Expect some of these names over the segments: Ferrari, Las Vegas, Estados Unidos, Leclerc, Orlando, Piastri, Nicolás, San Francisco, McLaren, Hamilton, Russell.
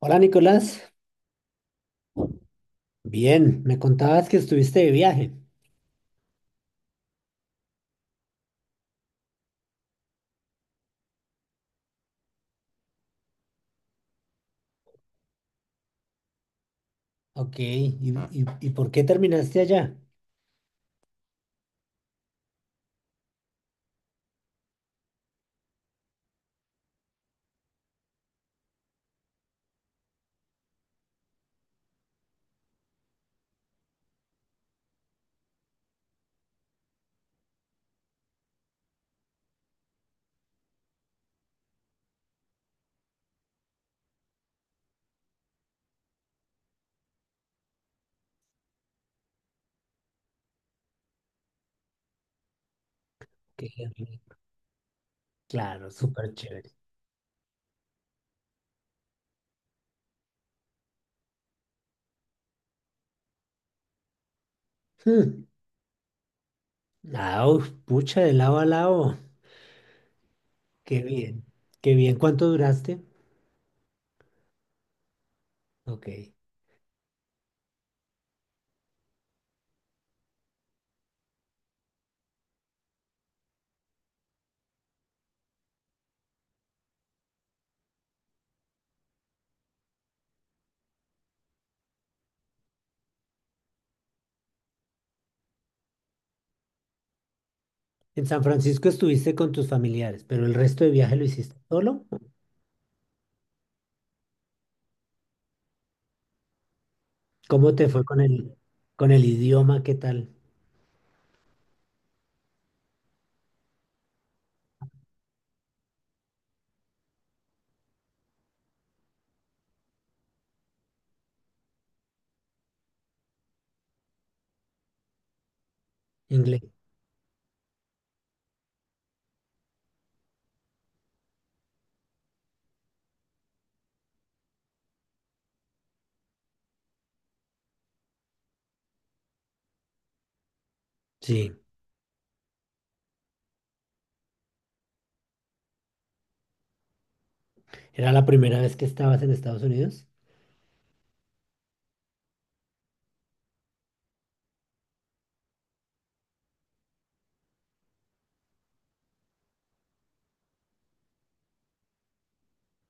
Hola Nicolás, bien, me contabas que estuviste de viaje. Ok, ¿Y por qué terminaste allá? Qué rico. Claro, súper chévere. Hmm. Ah, uf, pucha, de lado a lado. Qué bien, qué bien. ¿Cuánto duraste? Ok. En San Francisco estuviste con tus familiares, pero el resto de viaje lo hiciste solo. ¿Cómo te fue con el idioma? ¿Qué tal? Inglés. Sí. ¿Era la primera vez que estabas en Estados Unidos?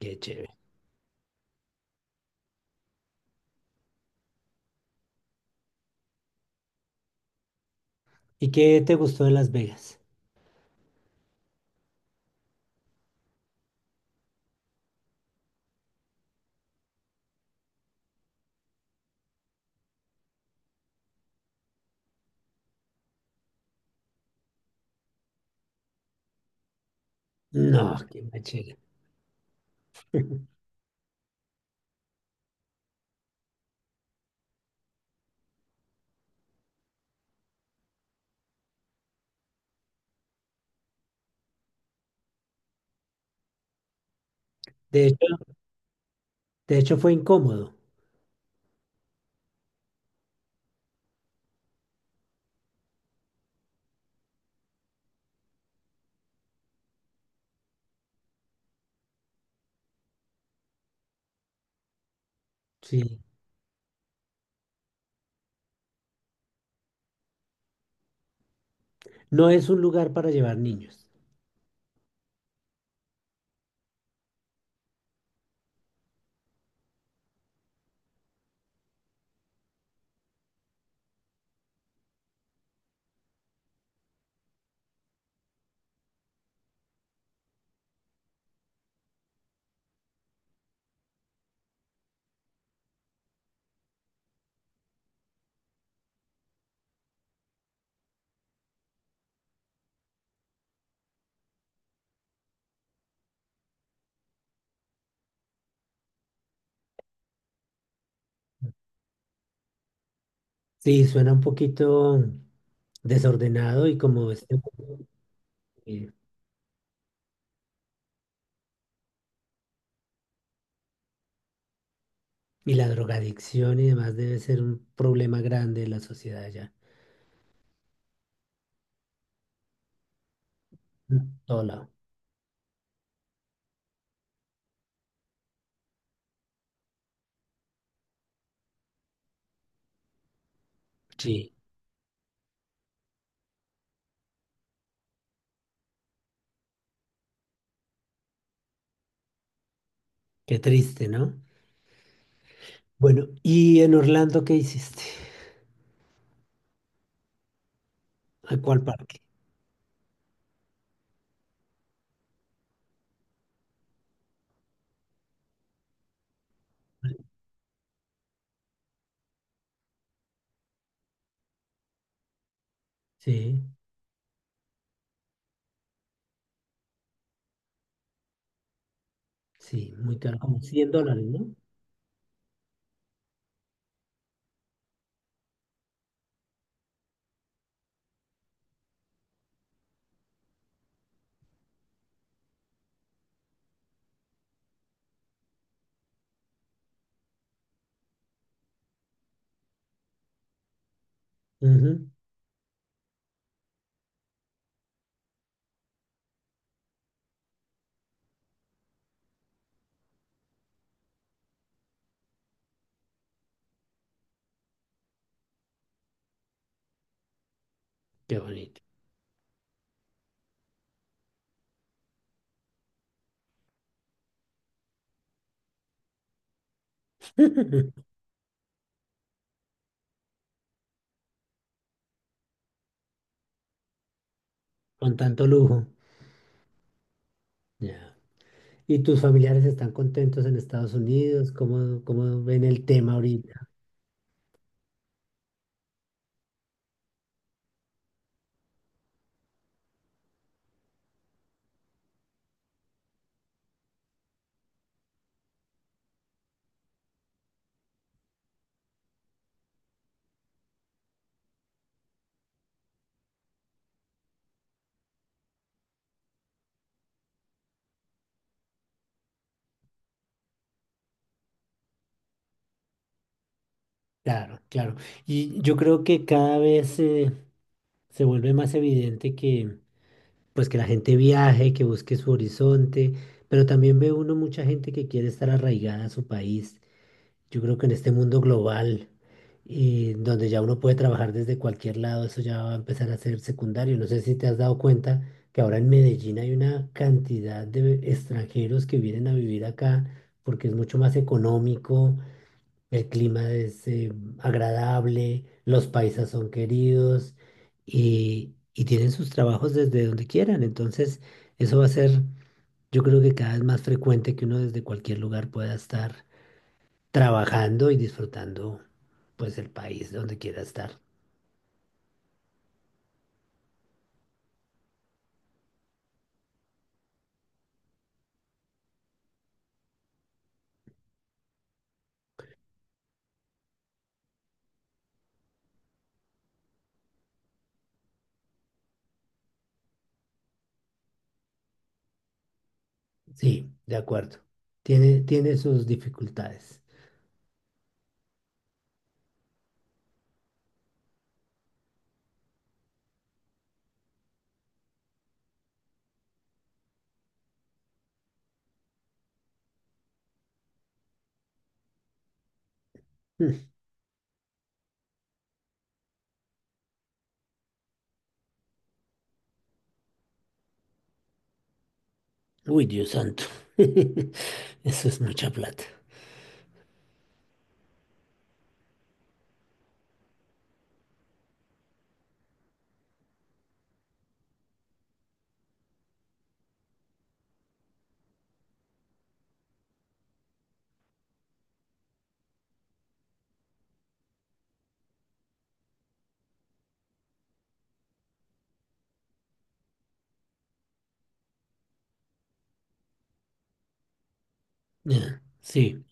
Qué chévere. ¿Y qué te gustó de Las Vegas? No, qué macho. De hecho, de hecho fue incómodo, sí. No es un lugar para llevar niños. Sí, suena un poquito desordenado y como este, y, y la drogadicción y demás debe ser un problema grande en la sociedad allá. En todo lado. Sí, qué triste, ¿no? Bueno, ¿y en Orlando qué hiciste? ¿A cuál parque? Sí, sí, muy caro, como $100, ¿no? Ujú. Qué bonito. Con tanto lujo. Ya. ¿Y tus familiares están contentos en Estados Unidos? ¿Cómo ven el tema ahorita? Claro, claro. Y yo creo que cada vez se vuelve más evidente que, pues, que la gente viaje, que busque su horizonte, pero también ve uno mucha gente que quiere estar arraigada a su país. Yo creo que en este mundo global, y donde ya uno puede trabajar desde cualquier lado, eso ya va a empezar a ser secundario. No sé si te has dado cuenta que ahora en Medellín hay una cantidad de extranjeros que vienen a vivir acá porque es mucho más económico, el clima es agradable, los paisas son queridos y tienen sus trabajos desde donde quieran. Entonces, eso va a ser, yo creo que cada vez más frecuente que uno desde cualquier lugar pueda estar trabajando y disfrutando pues el país donde quiera estar. Sí, de acuerdo. Tiene sus dificultades. Mm. Uy, Dios santo. Eso es mucha plata. Ya, sí,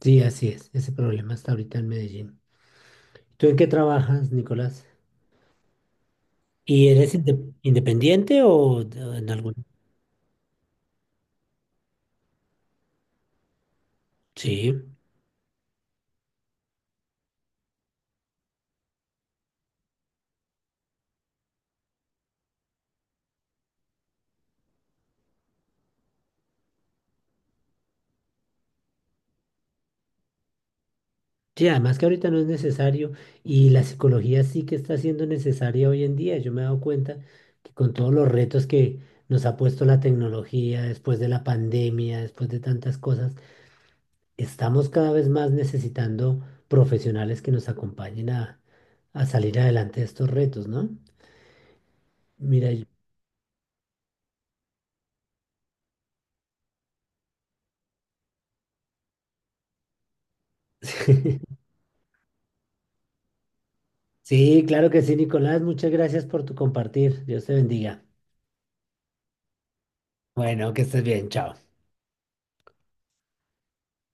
sí, así es. Ese problema está ahorita en Medellín. ¿Tú en qué trabajas, Nicolás? ¿Y eres independiente o de- en algún...? Sí. Sí, además que ahorita no es necesario y la psicología sí que está siendo necesaria hoy en día. Yo me he dado cuenta que con todos los retos que nos ha puesto la tecnología después de la pandemia, después de tantas cosas, estamos cada vez más necesitando profesionales que nos acompañen a salir adelante de estos retos, ¿no? Mira, yo- sí, claro que sí, Nicolás, muchas gracias por tu compartir. Dios te bendiga. Bueno, que estés bien, chao.